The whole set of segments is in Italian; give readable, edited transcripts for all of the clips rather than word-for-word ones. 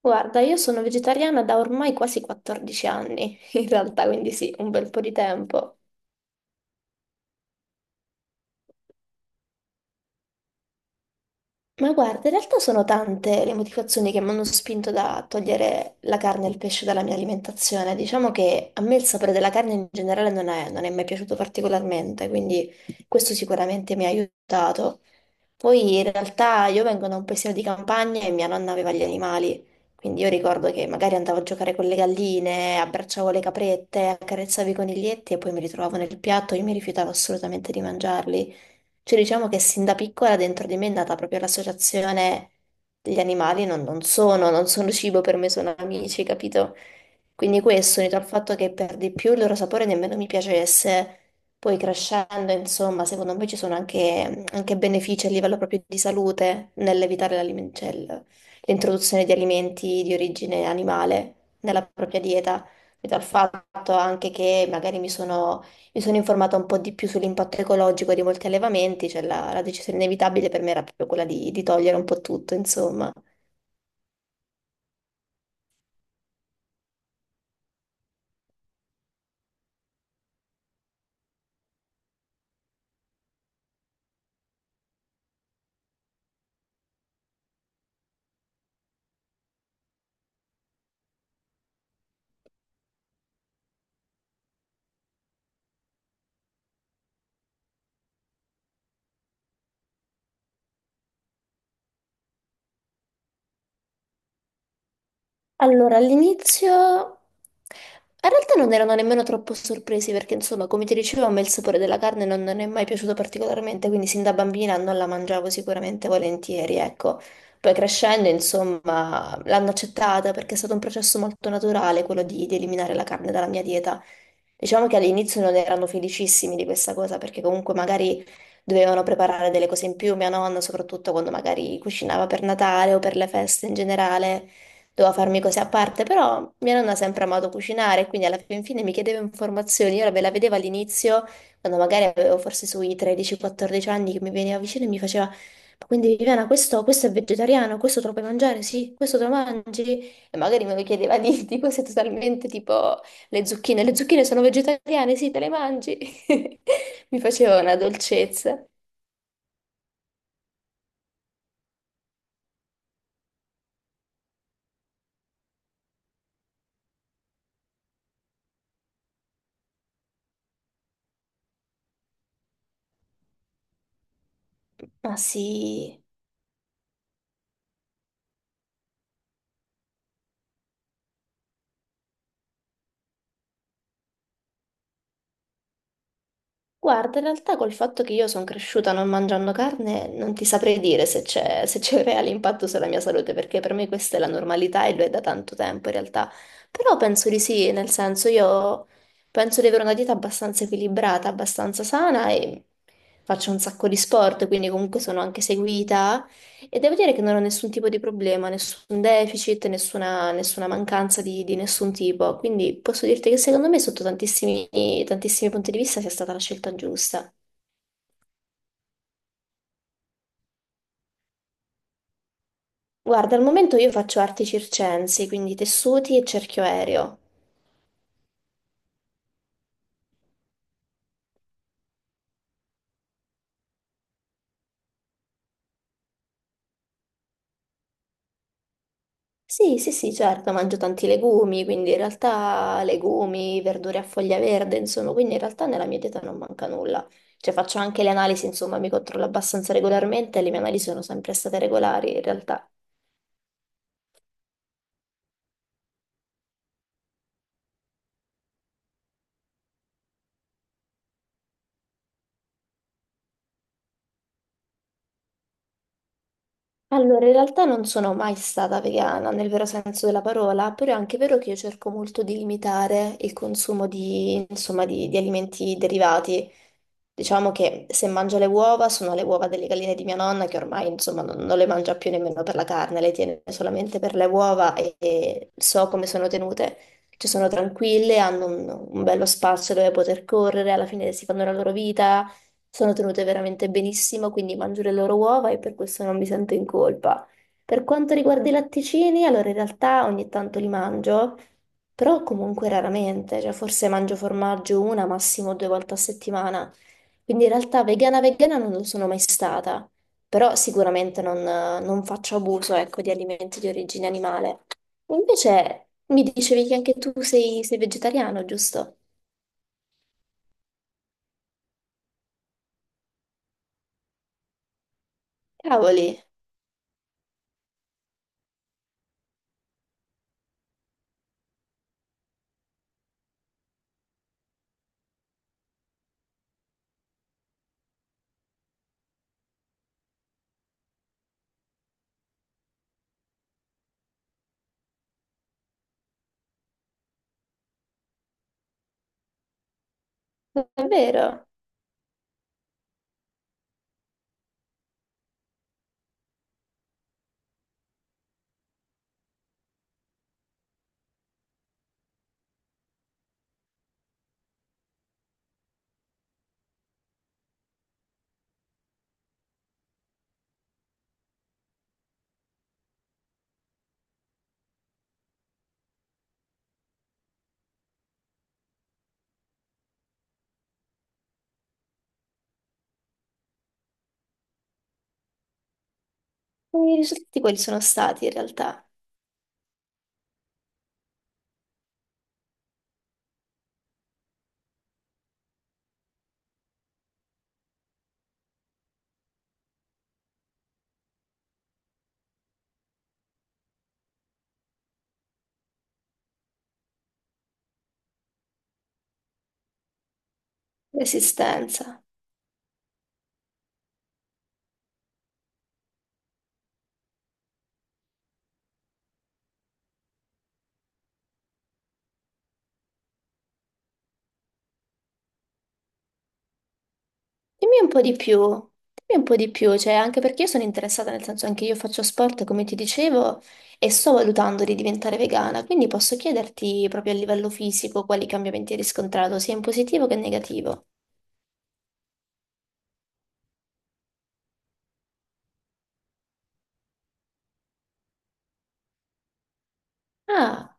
Guarda, io sono vegetariana da ormai quasi 14 anni, in realtà, quindi sì, un bel po' di tempo. Ma guarda, in realtà sono tante le motivazioni che mi hanno spinto da togliere la carne e il pesce dalla mia alimentazione. Diciamo che a me il sapore della carne in generale non è mai piaciuto particolarmente, quindi questo sicuramente mi ha aiutato. Poi in realtà io vengo da un paesino di campagna e mia nonna aveva gli animali, quindi io ricordo che magari andavo a giocare con le galline, abbracciavo le caprette, accarezzavo i coniglietti e poi mi ritrovavo nel piatto, io mi rifiutavo assolutamente di mangiarli. Cioè diciamo che sin da piccola dentro di me è nata proprio l'associazione degli animali, non sono cibo per me, sono amici, capito? Quindi questo, unito al fatto che per di più il loro sapore nemmeno mi piacesse, poi crescendo, insomma, secondo me ci sono anche benefici a livello proprio di salute nell'evitare l'introduzione di alimenti di origine animale nella propria dieta, unito al fatto anche che magari mi sono informata un po' di più sull'impatto ecologico di molti allevamenti, cioè la decisione inevitabile per me era proprio quella di togliere un po' tutto, insomma. Allora, all'inizio in realtà non erano nemmeno troppo sorpresi perché, insomma, come ti dicevo, a me il sapore della carne non è mai piaciuto particolarmente, quindi sin da bambina non la mangiavo sicuramente volentieri, ecco. Poi crescendo, insomma, l'hanno accettata perché è stato un processo molto naturale quello di eliminare la carne dalla mia dieta. Diciamo che all'inizio non erano felicissimi di questa cosa perché comunque magari dovevano preparare delle cose in più, mia nonna, soprattutto quando magari cucinava per Natale o per le feste in generale. Devo farmi cose a parte, però mia nonna ha sempre amato cucinare, quindi alla fin fine mi chiedeva informazioni. Io ve la vedevo all'inizio, quando magari avevo forse sui 13-14 anni, che mi veniva vicino e mi faceva: Ma quindi Viviana, questo è vegetariano, questo te lo puoi mangiare? Sì, questo te lo mangi? E magari me lo chiedeva di cose totalmente tipo le zucchine. Le zucchine sono vegetariane, sì, te le mangi? Mi faceva una dolcezza. Ma sì. Guarda, in realtà col fatto che io sono cresciuta non mangiando carne, non ti saprei dire se c'è un reale impatto sulla mia salute, perché per me questa è la normalità e lo è da tanto tempo in realtà. Però penso di sì, nel senso io penso di avere una dieta abbastanza equilibrata, abbastanza sana e faccio un sacco di sport, quindi comunque sono anche seguita e devo dire che non ho nessun tipo di problema, nessun deficit, nessuna mancanza di nessun tipo, quindi posso dirti che secondo me sotto tantissimi punti di vista sia stata la scelta giusta. Guarda, al momento io faccio arti circensi, quindi tessuti e cerchio aereo. Sì, sì, sì, certo, mangio tanti legumi, quindi in realtà legumi, verdure a foglia verde, insomma, quindi in realtà nella mia dieta non manca nulla. Cioè faccio anche le analisi, insomma, mi controllo abbastanza regolarmente e le mie analisi sono sempre state regolari in realtà. Allora, in realtà non sono mai stata vegana nel vero senso della parola, però è anche vero che io cerco molto di limitare il consumo di, insomma, di alimenti derivati. Diciamo che se mangio le uova, sono le uova delle galline di mia nonna, che ormai, insomma, non le mangia più nemmeno per la carne, le tiene solamente per le uova e so come sono tenute. Ci sono tranquille, hanno un bello spazio dove poter correre, alla fine si fanno la loro vita sono tenute veramente benissimo, quindi mangio le loro uova e per questo non mi sento in colpa. Per quanto riguarda i latticini, allora in realtà ogni tanto li mangio, però comunque raramente, cioè forse mangio formaggio una, massimo due volte a settimana. Quindi in realtà vegana vegana non lo sono mai stata, però sicuramente non faccio abuso, ecco, di alimenti di origine animale. Invece mi dicevi che anche tu sei vegetariano, giusto? Cavoli, davvero? I risultati quali sono stati in realtà? Resistenza. Dimmi un po' di più, dimmi un po' di più, cioè anche perché io sono interessata, nel senso anche io faccio sport, come ti dicevo, e sto valutando di diventare vegana, quindi posso chiederti proprio a livello fisico quali cambiamenti hai riscontrato, sia in positivo che in negativo. Ah,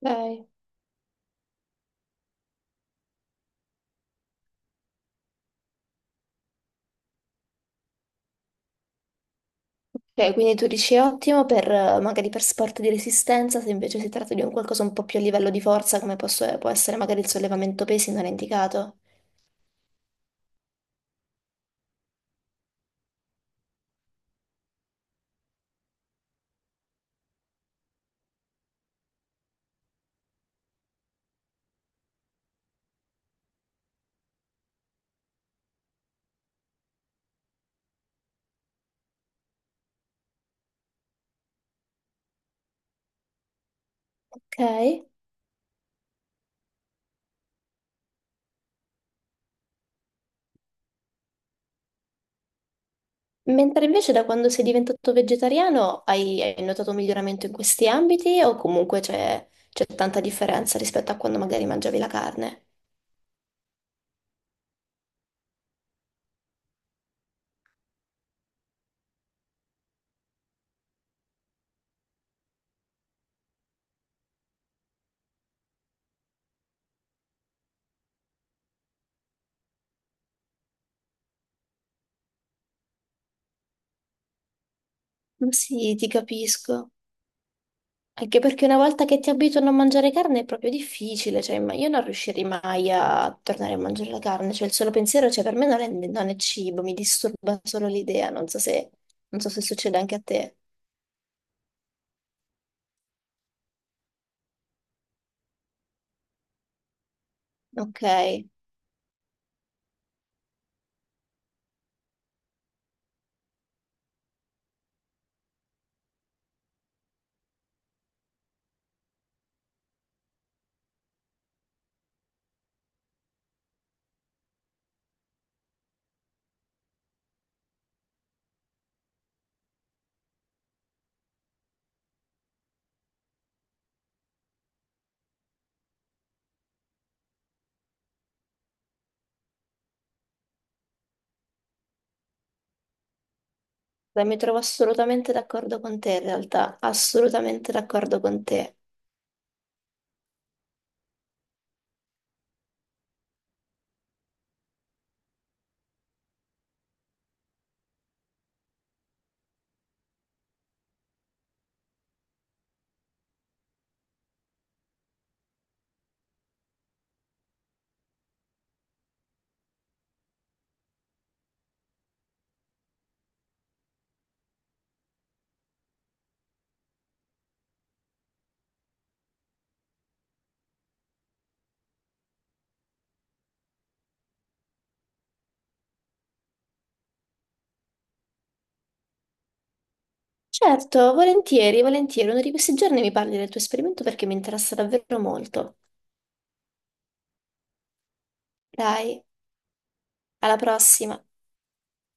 ok. Ok, quindi tu dici ottimo per magari per sport di resistenza, se invece si tratta di un qualcosa un po' più a livello di forza, come può essere magari il sollevamento pesi, non è indicato. Ok. Mentre invece da quando sei diventato vegetariano hai notato un miglioramento in questi ambiti o comunque c'è tanta differenza rispetto a quando magari mangiavi la carne? Ma sì, ti capisco. Anche perché una volta che ti abituano a mangiare carne è proprio difficile, cioè ma io non riuscirei mai a tornare a mangiare la carne, cioè il solo pensiero, cioè per me non è cibo, mi disturba solo l'idea, non so se, non so se succede anche a te. Ok, dai, mi trovo assolutamente d'accordo con te in realtà, assolutamente d'accordo con te. Certo, volentieri, volentieri. Uno di questi giorni mi parli del tuo esperimento perché mi interessa davvero molto. Dai, alla prossima.